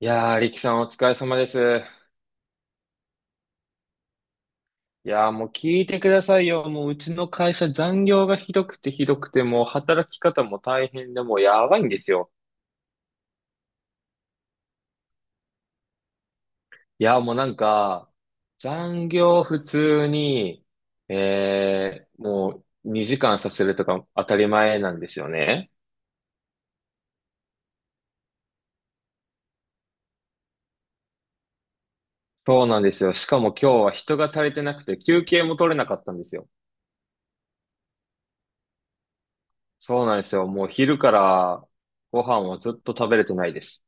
いやー、力さんお疲れ様です。いやー、もう聞いてくださいよ。もううちの会社残業がひどくてひどくて、もう働き方も大変で、もうやばいんですよ。いやー、もうなんか、残業普通に、もう2時間させるとか当たり前なんですよね。そうなんですよ。しかも今日は人が足りてなくて休憩も取れなかったんですよ。そうなんですよ。もう昼からご飯をずっと食べれてないです。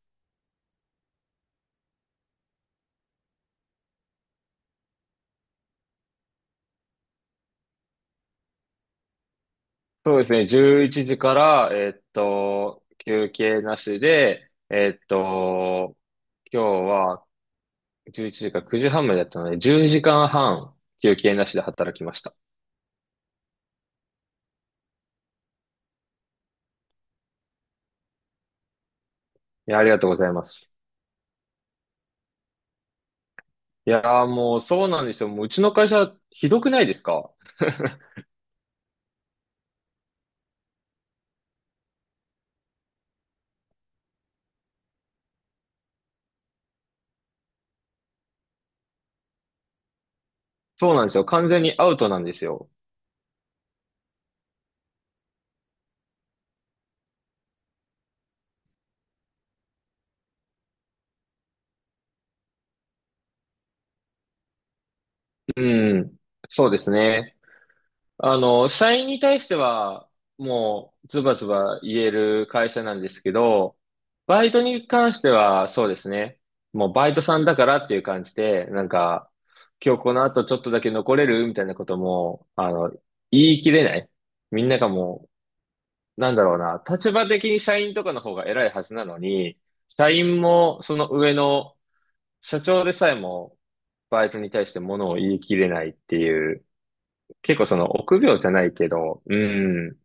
そうですね。11時から、休憩なしで、今日は11時から9時半までだったので、10時間半休憩なしで働きました。いや、ありがとうございます。いやー、もうそうなんですよ。もううちの会社、ひどくないですか？そうなんですよ。完全にアウトなんですよ。うん。そうですね。あの、社員に対しては、もう、ズバズバ言える会社なんですけど、バイトに関しては、そうですね。もう、バイトさんだからっていう感じで、なんか、今日この後ちょっとだけ残れるみたいなことも、言い切れない。みんながもう、なんだろうな、立場的に社員とかの方が偉いはずなのに、社員も、その上の、社長でさえも、バイトに対してものを言い切れないっていう、結構その臆病じゃないけど、うん。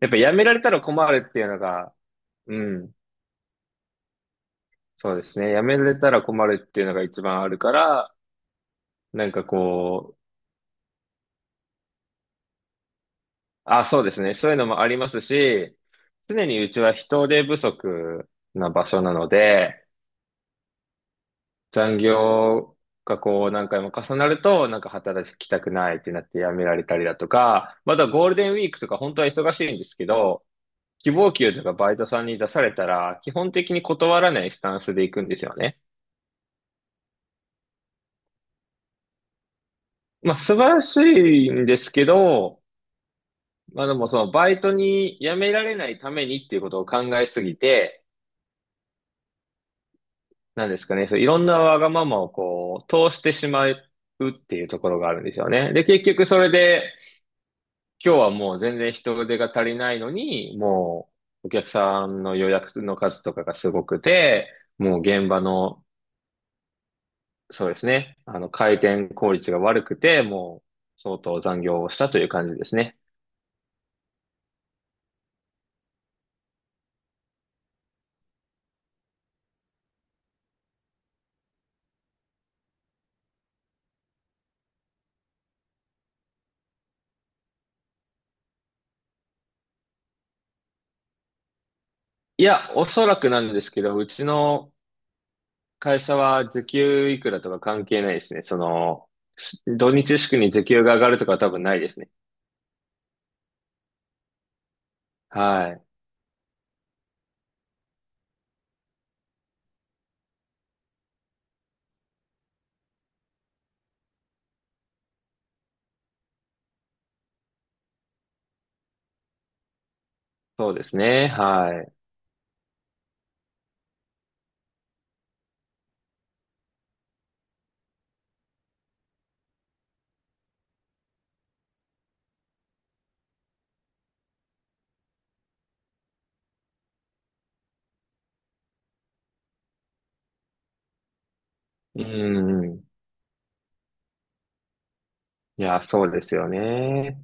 やっぱやめられたら困るっていうのが、うん。そうですね。やめられたら困るっていうのが一番あるから、なんかこう、あ、そうですね。そういうのもありますし、常にうちは人手不足な場所なので、残業がこう何回も重なると、なんか働きたくないってなって辞められたりだとか、またゴールデンウィークとか本当は忙しいんですけど、希望給とかバイトさんに出されたら、基本的に断らないスタンスで行くんですよね。まあ、素晴らしいんですけど、まあでもそのバイトに辞められないためにっていうことを考えすぎて、なんですかね、そういろんなわがままをこう、通してしまうっていうところがあるんですよね。で、結局それで、今日はもう全然人手が足りないのに、もうお客さんの予約の数とかがすごくて、もう現場のそうですね。回転効率が悪くて、もう、相当残業をしたという感じですね。いや、おそらくなんですけど、うちの会社は時給いくらとか関係ないですね。その、し土日祝に時給が上がるとかは多分ないですね。はい。そうですね。はい。うん。いや、そうですよね。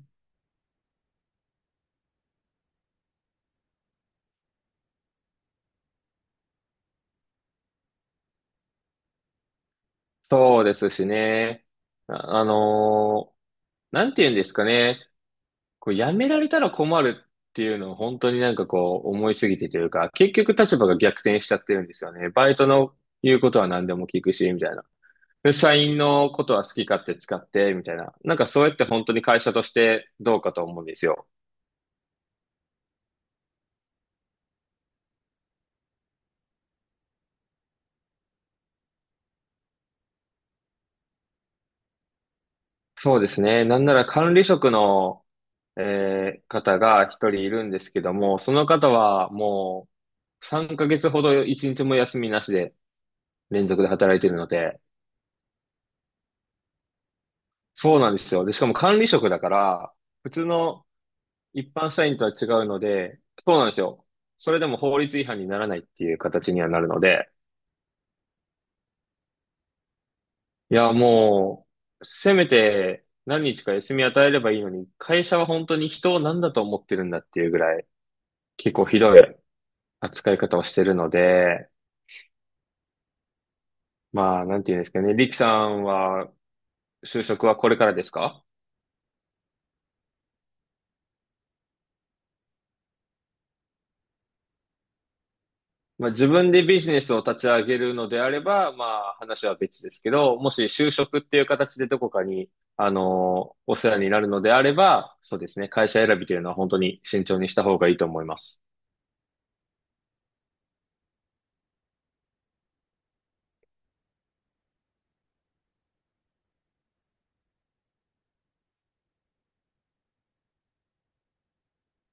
そうですしね。あ、あのーなんて言うんですかね。こうやめられたら困るっていうのを本当になんかこう思いすぎてというか、結局立場が逆転しちゃってるんですよね。バイトの言うことは何でも聞くし、みたいな。で社員のことは好き勝手使って、みたいな。なんかそうやって本当に会社としてどうかと思うんですよ。そうですね。なんなら管理職の、方が一人いるんですけども、その方はもう3ヶ月ほど一日も休みなしで連続で働いているので、そうなんですよ。で、しかも管理職だから、普通の一般社員とは違うので、そうなんですよ。それでも法律違反にならないっていう形にはなるので、いや、もう、せめて何日か休み与えればいいのに、会社は本当に人を何だと思ってるんだっていうぐらい、結構ひどい扱い方をしてるので、まあ、なんていうんですかね。リキさんは、就職はこれからですか？まあ、自分でビジネスを立ち上げるのであれば、まあ話は別ですけど、もし就職っていう形でどこかに、お世話になるのであれば、そうですね、会社選びというのは本当に慎重にした方がいいと思います。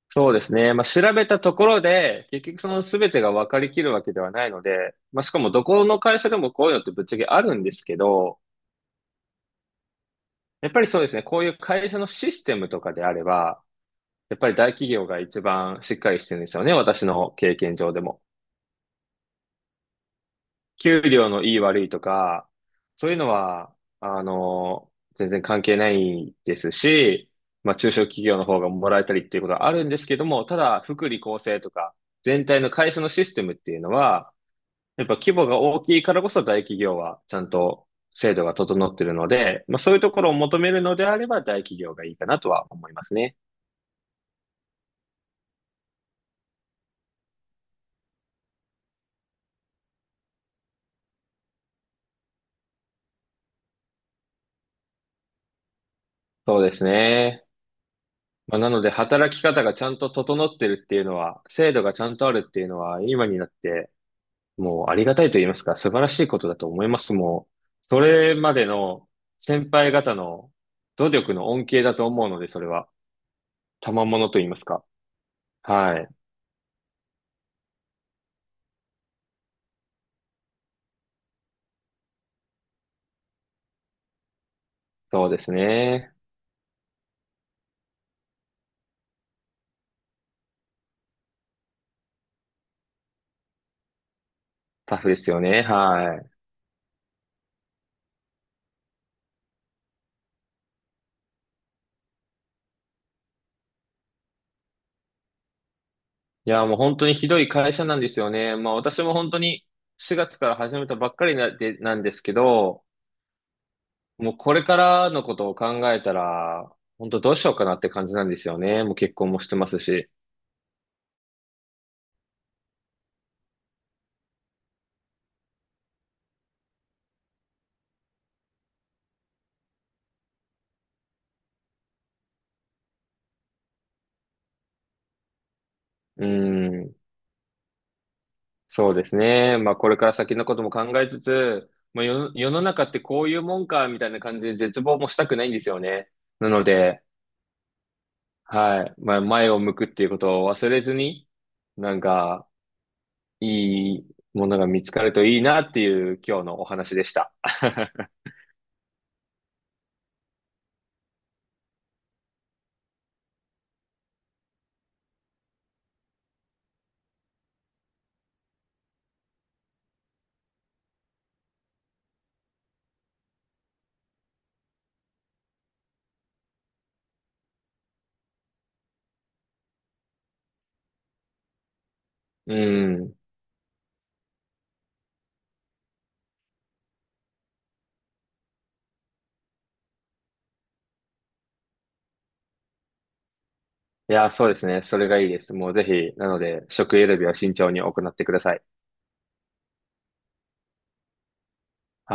そうですね。まあ、調べたところで、結局その全てが分かりきるわけではないので、まあ、しかもどこの会社でもこういうのってぶっちゃけあるんですけど、やっぱりそうですね、こういう会社のシステムとかであれば、やっぱり大企業が一番しっかりしてるんですよね、私の経験上でも。給料のいい悪いとか、そういうのは、全然関係ないですし、まあ中小企業の方がもらえたりっていうことはあるんですけども、ただ福利厚生とか、全体の会社のシステムっていうのは、やっぱ規模が大きいからこそ大企業はちゃんと制度が整ってるので、まあそういうところを求めるのであれば大企業がいいかなとは思いますね。そうですね。まあ、なので働き方がちゃんと整ってるっていうのは、制度がちゃんとあるっていうのは、今になってもうありがたいと言いますか、素晴らしいことだと思います。もう、それまでの先輩方の努力の恩恵だと思うので、それは。賜物と言いますか。はい。そうですね。タフですよね。はい。いや、もう本当にひどい会社なんですよね。まあ私も本当に4月から始めたばっかりなで、なんですけど、もうこれからのことを考えたら、本当どうしようかなって感じなんですよね。もう結婚もしてますし。うん。そうですね。まあ、これから先のことも考えつつ、まあ、世の中ってこういうもんか、みたいな感じで絶望もしたくないんですよね。なので、はい。まあ、前を向くっていうことを忘れずに、なんか、いいものが見つかるといいなっていう今日のお話でした。うん。いや、そうですね。それがいいです。もうぜひ、なので、職選びは慎重に行ってください。はい。